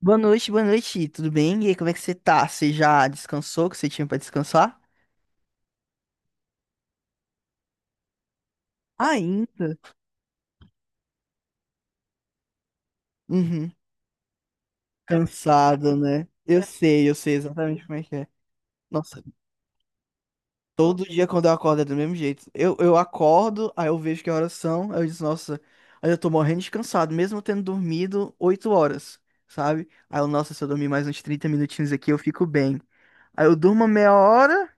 Boa noite, tudo bem? E aí, como é que você tá? Você já descansou, que você tinha pra descansar? Ainda? Uhum. Cansado, né? Eu sei exatamente como é que é. Nossa, todo dia quando eu acordo é do mesmo jeito. Eu acordo, aí eu vejo que horas são, aí eu disse, nossa, aí eu tô morrendo de cansado, mesmo tendo dormido 8 horas, sabe? Aí eu, nossa, se eu dormir mais uns 30 minutinhos aqui, eu fico bem. Aí eu durmo meia hora,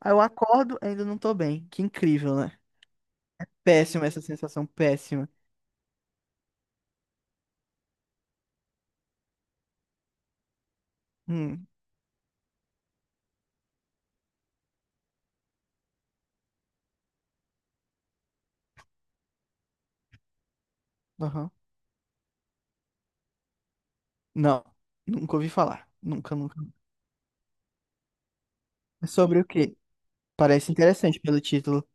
aí eu acordo, ainda não tô bem. Que incrível, né? Péssima essa sensação, péssima. Hum. Aham. Não, nunca ouvi falar. Nunca, nunca. É sobre o quê? Parece interessante pelo título.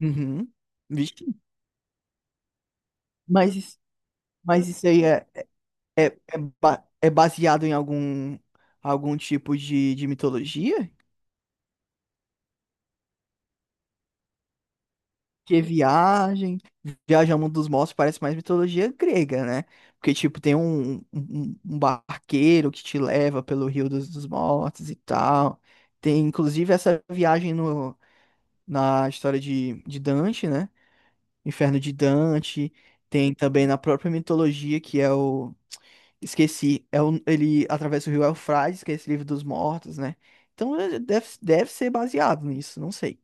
Uhum. Vixe. Mas, isso- mas isso aí é, é, é baseado em algum tipo de mitologia? Que viagem, Viagem ao mundo dos mortos parece mais mitologia grega, né? Porque, tipo, tem um barqueiro que te leva pelo Rio dos Mortos e tal. Tem, inclusive, essa viagem no, na história de Dante, né? Inferno de Dante, tem também na própria mitologia que é o esqueci, é o... ele atravessa o rio Eufrates, que é esse livro dos mortos, né? Então é- deve ser baseado nisso, não sei.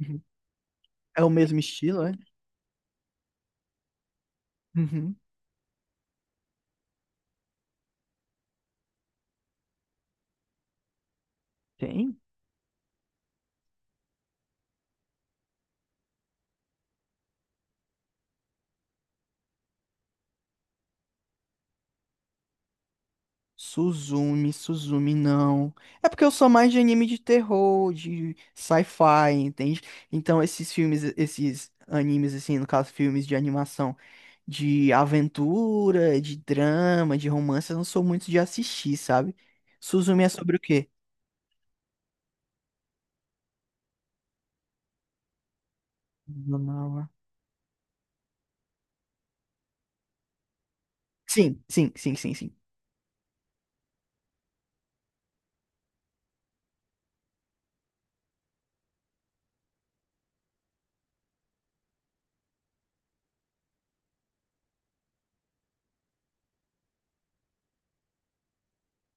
Uhum. É o mesmo estilo, é? Uhum. Tem. Suzumi, Suzumi, não. É porque eu sou mais de anime de terror, de sci-fi, entende? Então esses filmes, esses animes, assim, no caso, filmes de animação de aventura, de drama, de romance, eu não sou muito de assistir, sabe? Suzumi é sobre o quê? Nonawa. Sim, sim, sim, sim, sim.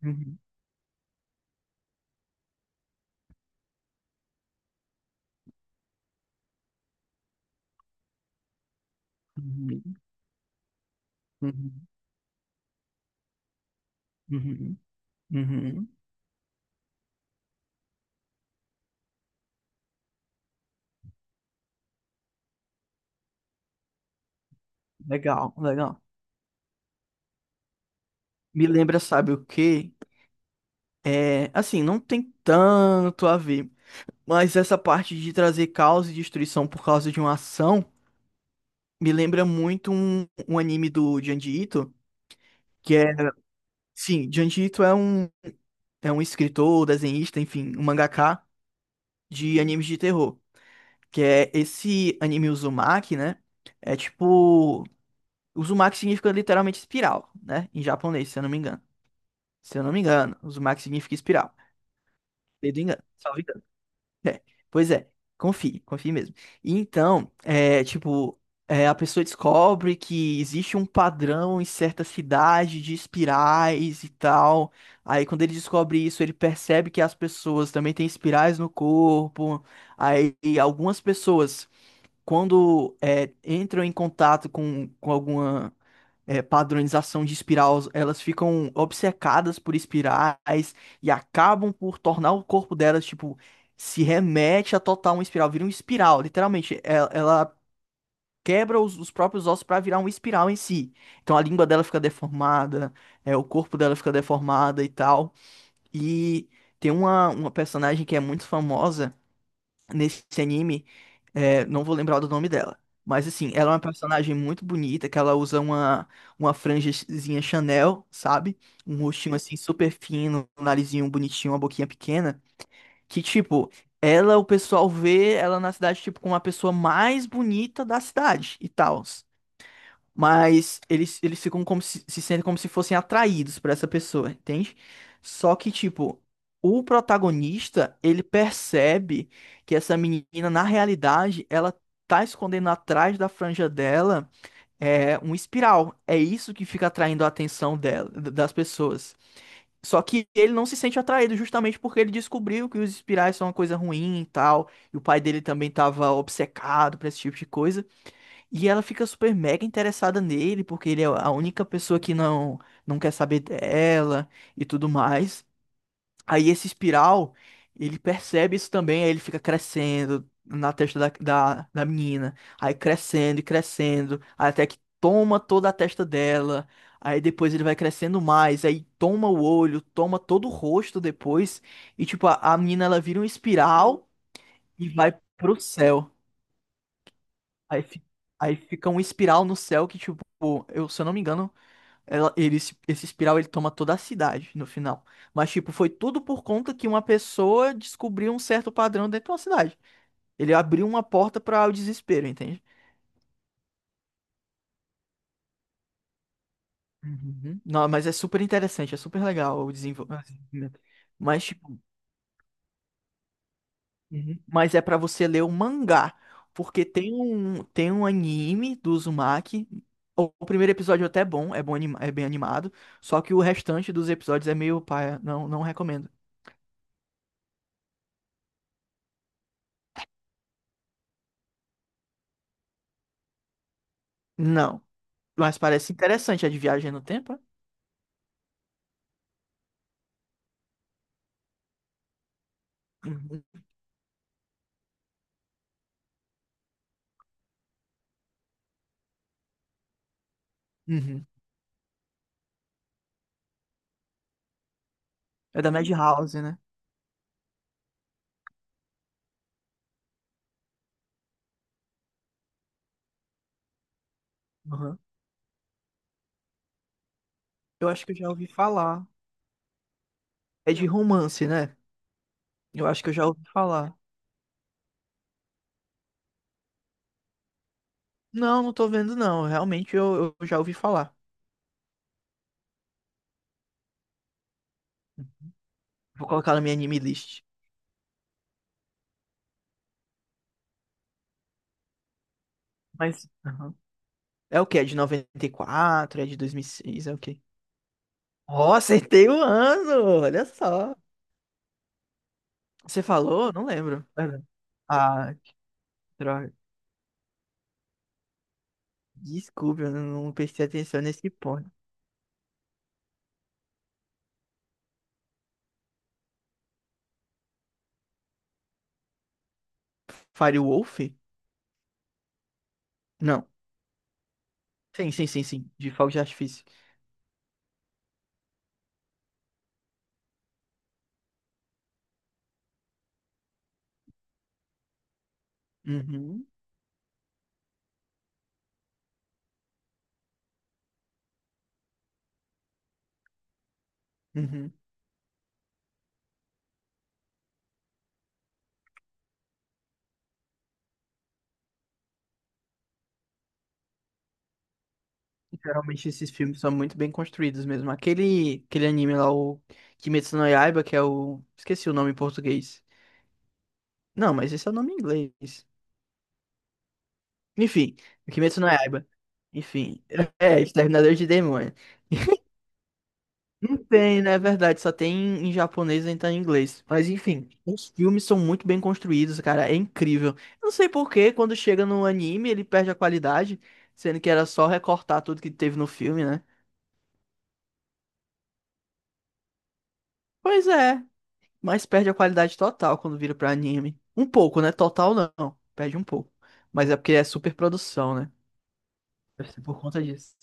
Uhum, uhum, uhum, uhum, uhum. Legal, legal. Me lembra, sabe o quê? É, assim, não tem tanto a ver, mas essa parte de trazer caos e destruição por causa de uma ação me lembra muito um anime do Junji Ito, que é, sim, Junji Ito é um escritor, desenhista, enfim, um mangaka de animes de terror. Que é esse anime Uzumaki, né? É tipo. Uzumaki significa literalmente espiral, né? Em japonês, se eu não me engano. Se eu não me engano, Uzumaki significa espiral. Dedo engano, salvo. É, pois é, confie, confie mesmo. E então, é, tipo, é, a pessoa descobre que existe um padrão em certa cidade de espirais e tal. Aí, quando ele descobre isso, ele percebe que as pessoas também têm espirais no corpo. Aí, e algumas pessoas, quando é, entram em contato com alguma é, padronização de espiral, elas ficam obcecadas por espirais e acabam por tornar o corpo delas, tipo, se remete a total uma espiral, vira uma espiral, literalmente. Ela quebra os próprios ossos para virar uma espiral em si. Então a língua dela fica deformada, é, o corpo dela fica deformada e tal. E tem uma personagem que é muito famosa nesse anime é, não vou lembrar do nome dela. Mas assim, ela é uma personagem muito bonita, que ela usa uma franjazinha Chanel, sabe? Um rostinho assim super fino, um narizinho bonitinho, uma boquinha pequena. Que tipo, o pessoal vê ela na cidade, tipo, como a pessoa mais bonita da cidade e tal. Mas eles ficam como se sentem como se fossem atraídos por essa pessoa, entende? Só que, tipo, o protagonista, ele percebe que essa menina, na realidade, ela tá escondendo atrás da franja dela é, um espiral. É isso que fica atraindo a atenção dela, das pessoas. Só que ele não se sente atraído justamente porque ele descobriu que os espirais são uma coisa ruim e tal, e o pai dele também tava obcecado por esse tipo de coisa. E ela fica super mega interessada nele, porque ele é a única pessoa que não quer saber dela e tudo mais. Aí esse espiral, ele percebe isso também, aí ele fica crescendo na testa da menina. Aí crescendo e crescendo, até que toma toda a testa dela. Aí depois ele vai crescendo mais, aí toma o olho, toma todo o rosto depois. E tipo, a menina ela vira um espiral e vai pro céu. Aí, fi- aí fica um espiral no céu que, tipo, eu, se eu não me engano, ela, ele, se- esse espiral ele toma toda a cidade no final. Mas, tipo, foi tudo por conta que uma pessoa descobriu um certo padrão dentro de uma cidade. Ele abriu uma porta para o desespero, entende? Uhum. Não, mas é super interessante, é super legal o o desenvolvimento. Mas, tipo, uhum. Mas é pra você ler o mangá, porque tem um anime do Uzumaki. O primeiro episódio até é bom, é bom, é bem animado, só que o restante dos episódios é meio paia, não recomendo. Não, mas parece interessante, é de viagem no tempo, é? Uhum. Uhum. É da Madhouse, né? Uhum. Eu acho que eu já ouvi falar. É de romance, né? Eu acho que eu já ouvi falar. Não, não tô vendo não, realmente eu já ouvi falar. Vou colocar na minha anime list. Mas, aham. É o quê? É de 94, é de 2006, é o quê? Ó, acertei o ano! Olha só. Você falou? Não lembro. Pera. Ah, que droga. Desculpe, eu não prestei atenção nesse ponto. Firewolf? Não. Sim, sim, sim, sim. De fogos de artifício. Uhum, uhum. Geralmente esses filmes são muito bem construídos mesmo. Aquele anime lá, o Kimetsu no Yaiba, que é o... Esqueci o nome em português. Não, mas esse é o nome em inglês. Enfim, Kimetsu no Yaiba. Enfim, é, Exterminador de demônios. Não tem, né? É verdade, só tem em japonês e então em inglês. Mas enfim, os filmes são muito bem construídos, cara, é incrível. Eu não sei por que quando chega no anime ele perde a qualidade, sendo que era só recortar tudo que teve no filme, né? Pois é, mas perde a qualidade total quando vira pra anime. Um pouco, né? Total não, perde um pouco. Mas é porque é super produção, né? Deve ser por conta disso.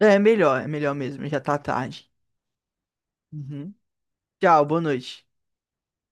É melhor mesmo, já tá tarde. Uhum. Tchau, boa noite.